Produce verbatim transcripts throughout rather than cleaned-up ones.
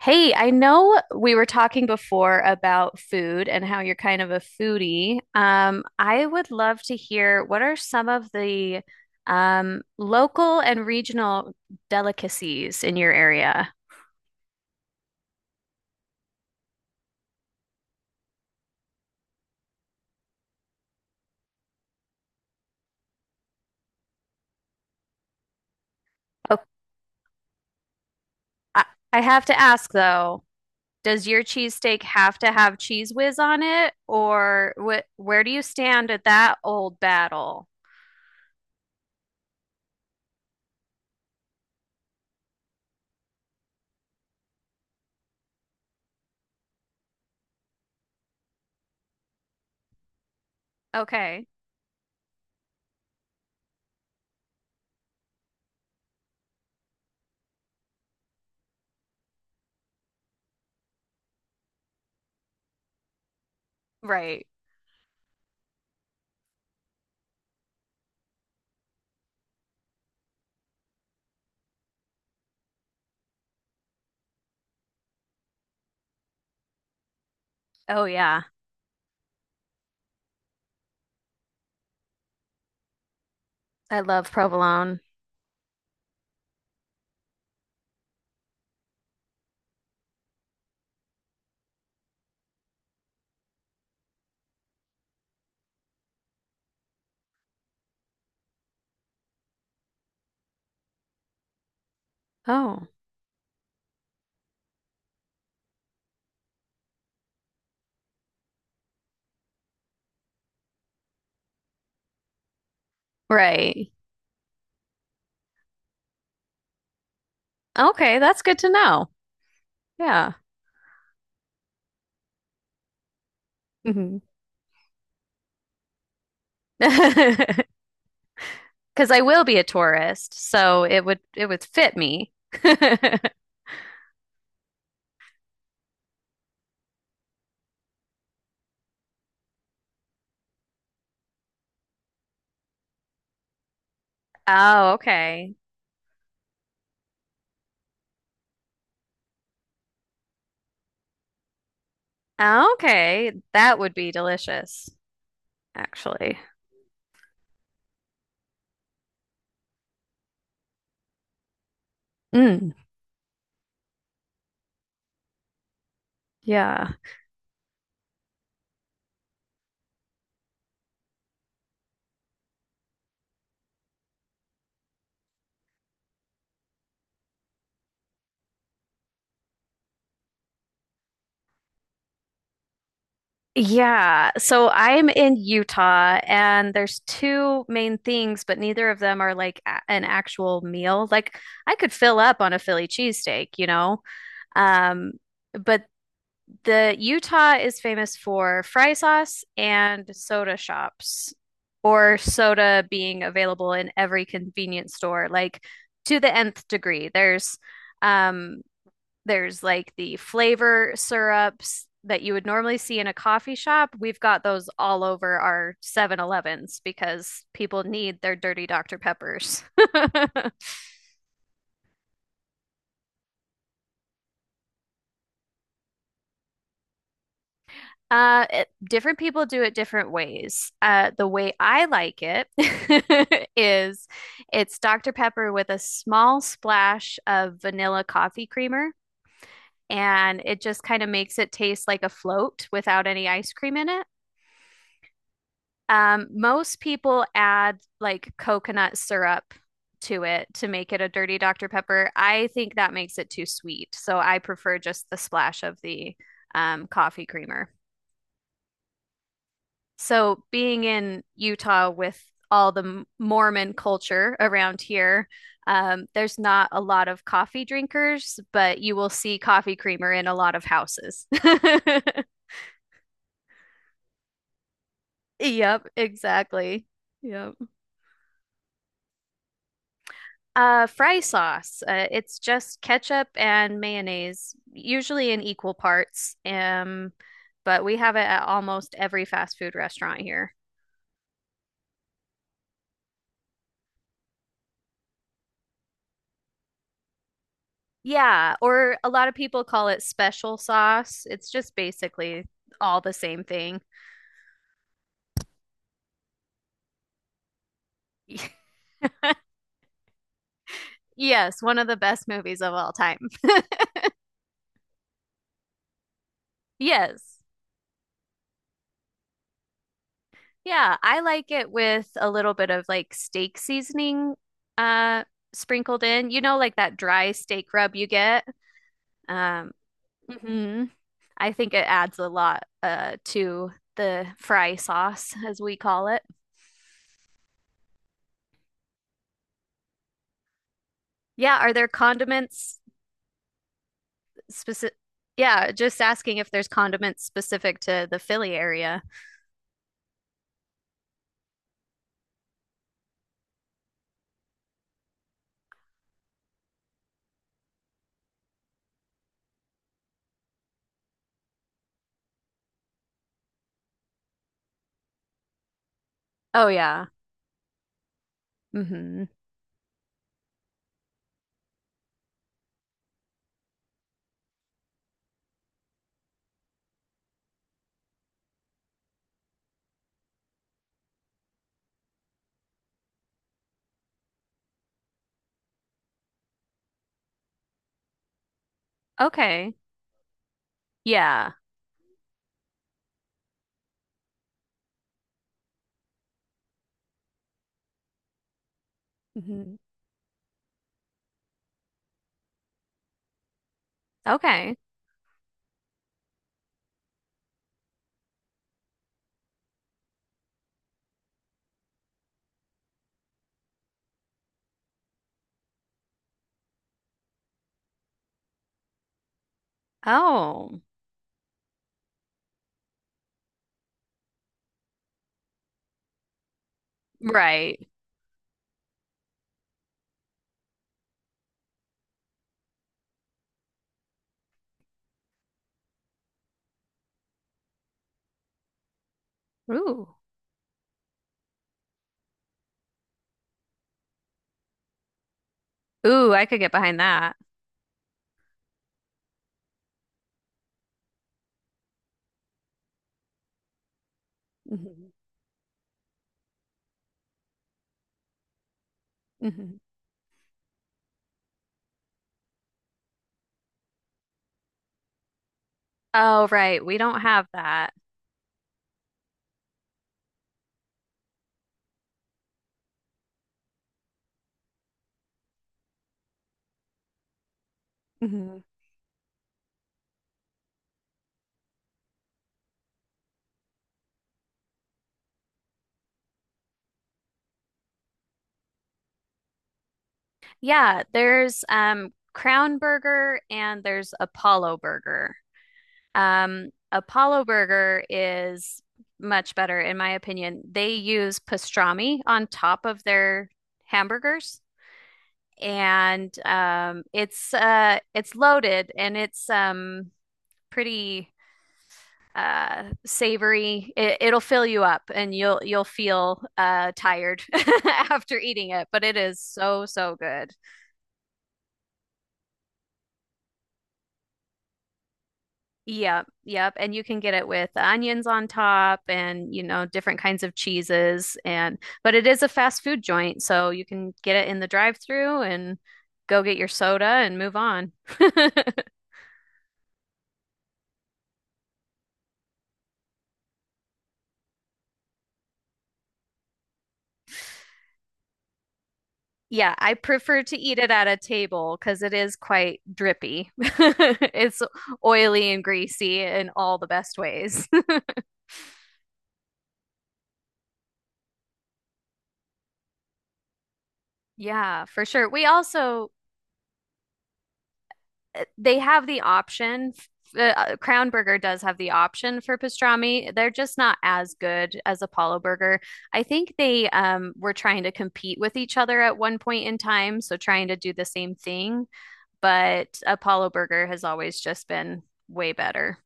Hey, I know we were talking before about food and how you're kind of a foodie. Um, I would love to hear what are some of the um, local and regional delicacies in your area? Oh, I, I have to ask though, does your cheesesteak have to have cheese whiz on it, or wh where do you stand at that old battle? Okay, right. Oh yeah, I love provolone. Oh, right. Okay, that's good to know. Yeah. Hmm. Because I will be a tourist, so it would it would fit me. Oh, okay. Oh, okay. That would be delicious, actually. Mm, yeah. Yeah. So I'm in Utah and there's two main things, but neither of them are like a an actual meal. Like I could fill up on a Philly cheesesteak, you know? Um, but the Utah is famous for fry sauce and soda shops, or soda being available in every convenience store, like to the nth degree. There's um there's like the flavor syrups that you would normally see in a coffee shop. We've got those all over our Seven Elevens because people need their dirty doctor Peppers. Uh, it, different people do it different ways. Uh, the way I like it is it's doctor Pepper with a small splash of vanilla coffee creamer, and it just kind of makes it taste like a float without any ice cream in it. Um, most people add like coconut syrup to it to make it a dirty doctor Pepper. I think that makes it too sweet, so I prefer just the splash of the um, coffee creamer. So being in Utah with all the Mormon culture around here, um, there's not a lot of coffee drinkers, but you will see coffee creamer in a lot of houses. Yep, exactly. Yep. Uh, fry sauce. Uh, it's just ketchup and mayonnaise, usually in equal parts. Um, but we have it at almost every fast food restaurant here. Yeah, or a lot of people call it special sauce. It's just basically all the same thing. Yes, one of the best movies of all time. Yes. Yeah, I like it with a little bit of like steak seasoning uh sprinkled in. You know, like that dry steak rub you get. Um, mhm. I think it adds a lot uh to the fry sauce, as we call it. Yeah, are there condiments specific. Yeah, just asking if there's condiments specific to the Philly area. Oh yeah. Mm-hmm. Okay. Yeah. Hmm. Okay. Oh, right. Ooh. Ooh, I could get behind that. Hmm. Hmm. Oh, right. We don't have that. Hmm. Yeah, there's um Crown Burger and there's Apollo Burger. Um, Apollo Burger is much better, in my opinion. They use pastrami on top of their hamburgers, and um, it's uh, it's loaded and it's um, pretty uh, savory. It, it'll fill you up, and you'll you'll feel uh, tired after eating it, but it is so so good. Yep, yep. And you can get it with onions on top and, you know, different kinds of cheeses and but it is a fast food joint, so you can get it in the drive-through and go get your soda and move on. Yeah, I prefer to eat it at a table because it is quite drippy. It's oily and greasy in all the best ways. Yeah, for sure. We also They have the option. Uh, uh, Crown Burger does have the option for pastrami. They're just not as good as Apollo Burger. I think they um, were trying to compete with each other at one point in time, so trying to do the same thing. But Apollo Burger has always just been way better.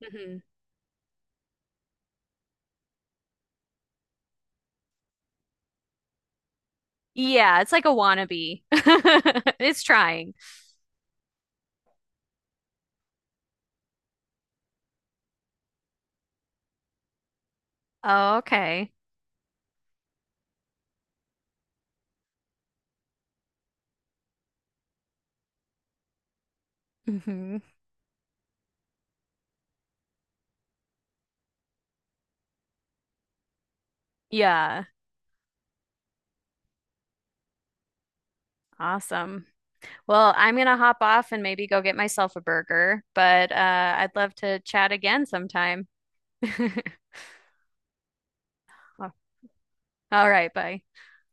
Mhm. Yeah, it's like a wannabe. It's trying. Oh, okay. Hmm. Yeah, awesome. Well, I'm gonna hop off and maybe go get myself a burger, but uh, I'd love to chat again sometime. All right, bye.